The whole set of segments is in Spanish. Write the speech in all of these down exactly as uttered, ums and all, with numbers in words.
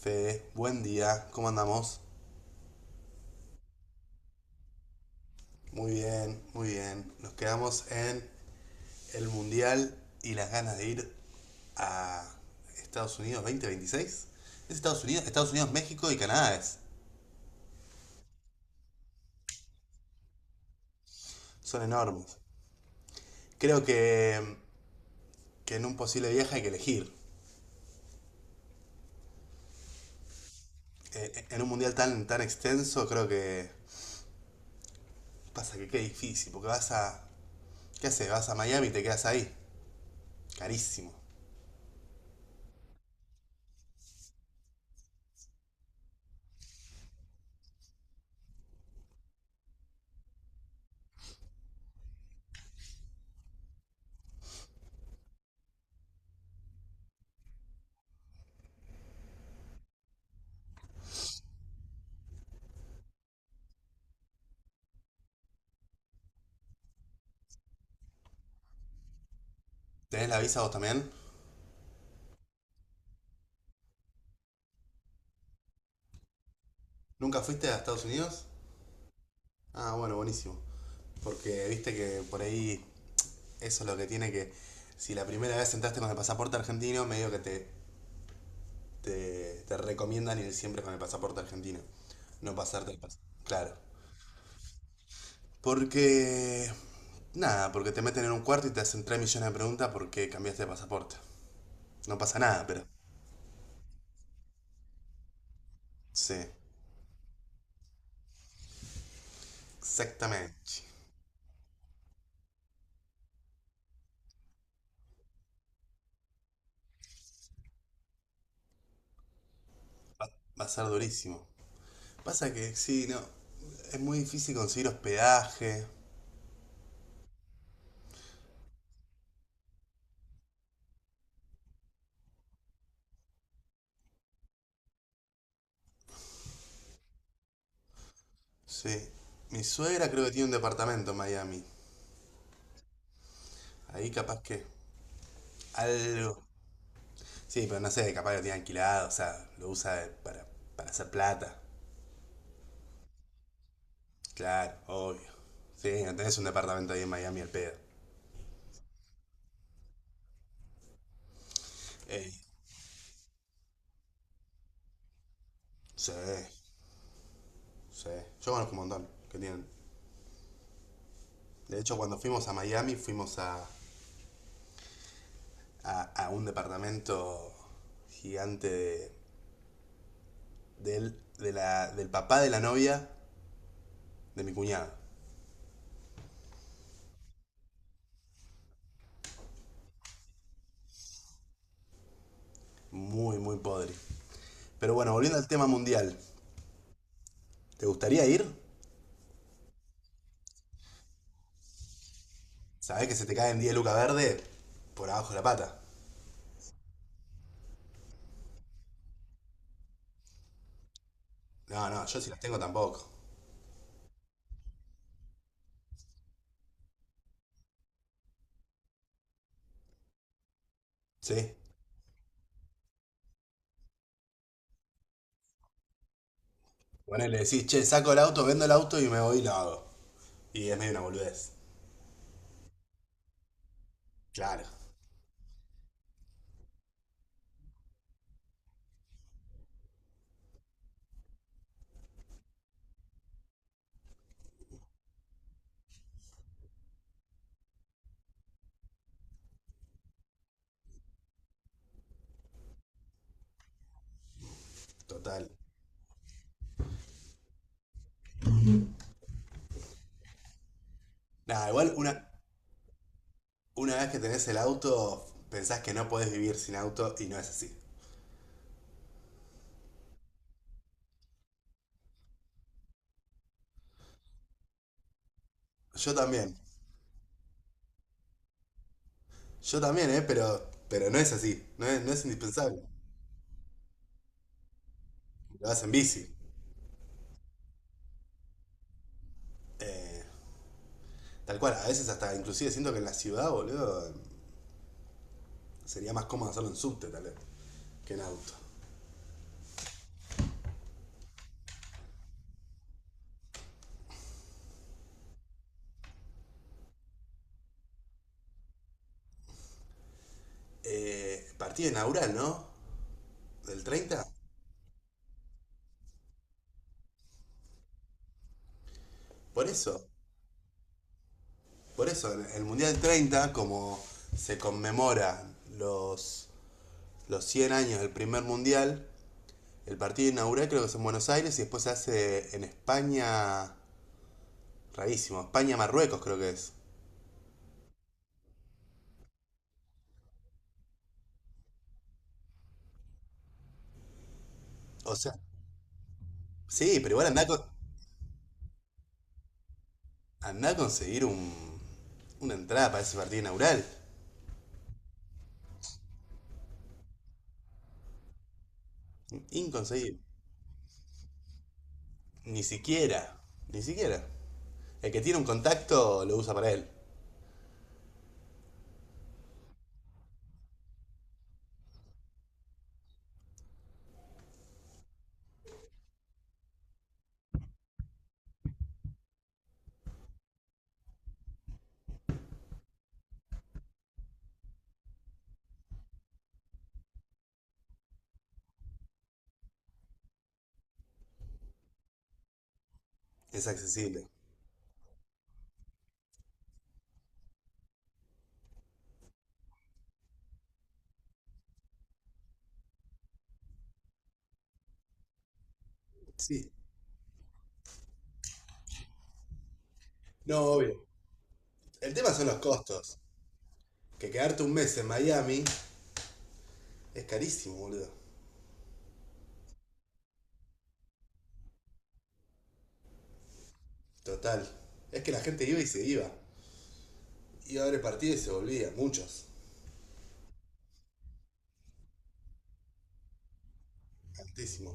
Fede, buen día, ¿cómo andamos? Muy bien, muy bien. Nos quedamos en el Mundial y las ganas de ir a Estados Unidos dos mil veintiséis. Es Estados Unidos, Estados Unidos, México y Canadá es. Son enormes. Creo que, que en un posible viaje hay que elegir. Eh, eh, en un mundial tan, tan extenso, creo que pasa que qué difícil, porque vas a. ¿Qué haces? Vas a Miami y te quedas ahí. Carísimo. ¿Tenés la visa vos también? ¿Nunca fuiste a Estados Unidos? Ah, bueno, buenísimo. Porque viste que por ahí eso es lo que tiene que. Si la primera vez entraste con el pasaporte argentino, medio que te, te, te recomiendan ir siempre con el pasaporte argentino. No pasarte el pasaporte. Claro. Porque. Nada, porque te meten en un cuarto y te hacen tres millones de preguntas por qué cambiaste de pasaporte. No pasa nada, pero. Sí, exactamente. Va a ser durísimo. Pasa que sí, no. Es muy difícil conseguir hospedaje. Sí. Mi suegra creo que tiene un departamento en Miami. Ahí capaz que algo. Sí, pero no sé, capaz lo tiene alquilado, o sea, lo usa de- para, para hacer plata. Claro, obvio. Sí, no tenés un departamento ahí en Miami al pedo. Ey, sí, sí. Yo conozco un montón que tienen. De hecho, cuando fuimos a Miami, fuimos a, a, a un departamento gigante de, del, de la- del papá de la novia de mi cuñado. Muy, muy podre. Pero bueno, volviendo al tema mundial. ¿Te gustaría ir? ¿Sabés que se te caen diez lucas verde por abajo de la pata? No, no, yo si las tengo tampoco. Sí. Bueno, le decís, che, saco el auto, vendo el auto y me voy y lo hago. Y es medio una boludez. Claro, total. Nada, igual una, una vez que tenés el auto, pensás que no podés vivir sin auto y no es así. Yo también. Yo también, ¿eh? Pero, pero no es así. No es, no es indispensable. Lo vas en bici. Eh, tal cual, a veces hasta inclusive siento que en la ciudad, boludo, sería más cómodo hacerlo en subte, tal vez, que en auto. Eh, partido inaugural, ¿no? ¿Del treinta? Por eso. Por eso, en el Mundial treinta, como se conmemora los, los cien años del primer Mundial, el partido inaugural creo que es en Buenos Aires y después se hace en España, rarísimo, España-Marruecos creo que es. O sea, sí, pero igual andá, a con- andá a conseguir un, una entrada para ese partido inaugural. Inconseguible. Ni siquiera, ni siquiera. El que tiene un contacto lo usa para él. Es accesible. Sí. No, obvio. El tema son los costos. Que quedarte un mes en Miami es carísimo, boludo. Total. Es que la gente iba y se iba. Iba a ver el partido y se volvía. Muchos. Altísimo.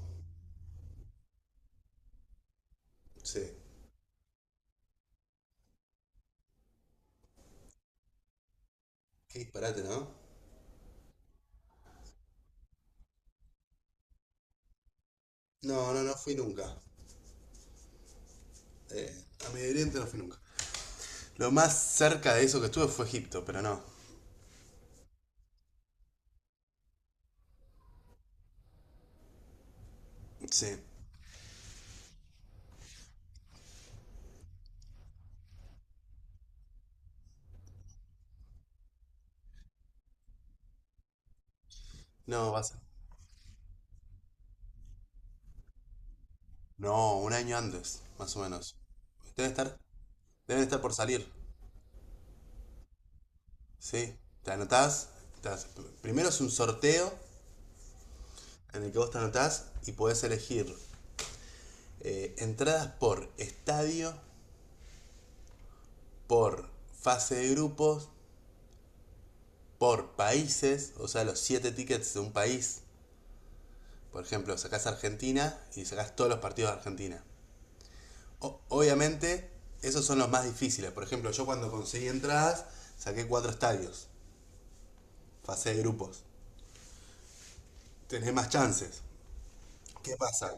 Sí. Qué disparate, ¿no? No, no, no fui nunca. Eh, a Medio Oriente no fui nunca. Lo más cerca de eso que estuve fue Egipto, pero no. Sí. No, va a ser. No, un año antes, más o menos. Debe estar, deben estar por salir. Sí, te anotás. te haces- primero es un sorteo en el que vos te anotás y podés elegir eh, entradas por estadio, por fase de grupos, por países, o sea, los siete tickets de un país. Por ejemplo, sacás Argentina y sacás todos los partidos de Argentina. O- obviamente, esos son los más difíciles. Por ejemplo, yo cuando conseguí entradas, saqué cuatro estadios, fase de grupos. Tenés más chances. ¿Qué pasa?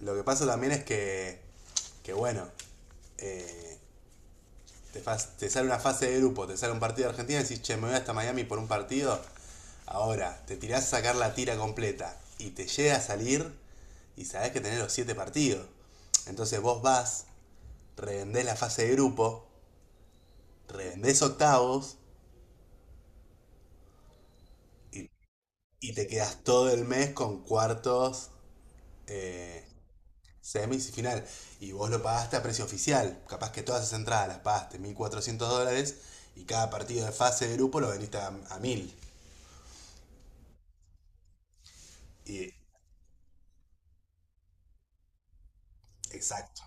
Lo que pasa también es que, que bueno, eh, te, fas- te sale una fase de grupo, te sale un partido de Argentina y decís, che, me voy hasta Miami por un partido. Ahora, te tirás a sacar la tira completa y te llega a salir y sabés que tenés los siete partidos. Entonces vos vas, revendés la fase de grupo, revendés octavos y, y te quedas todo el mes con cuartos, eh, semis y final. Y vos lo pagaste a precio oficial. Capaz que todas esas entradas las pagaste mil cuatrocientos dólares y cada partido de fase de grupo lo vendiste a, a mil. Y, exacto.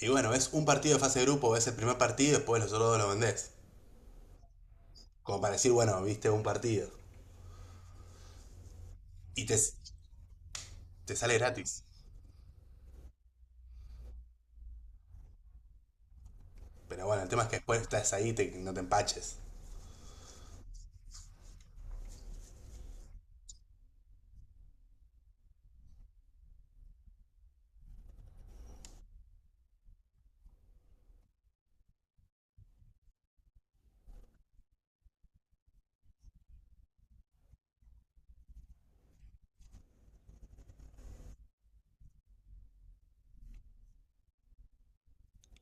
Y bueno, ves un partido de fase de grupo, ves el primer partido y después los otros dos lo vendés. Como para decir, bueno, viste un partido. Y te, te sale gratis. Pero bueno, el tema es que después estás ahí y te, no te empaches.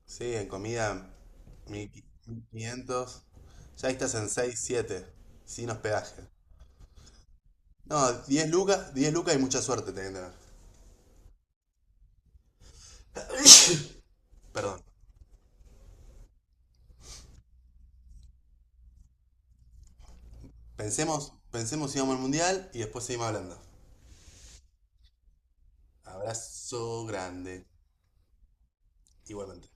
Sí, en comida mil quinientos. Ya ahí estás en seis siete. Sin hospedaje. No, diez lucas, diez lucas y mucha suerte tenés que tener. Perdón. Pensemos, pensemos si vamos al mundial y después seguimos hablando. Abrazo grande. Igualmente.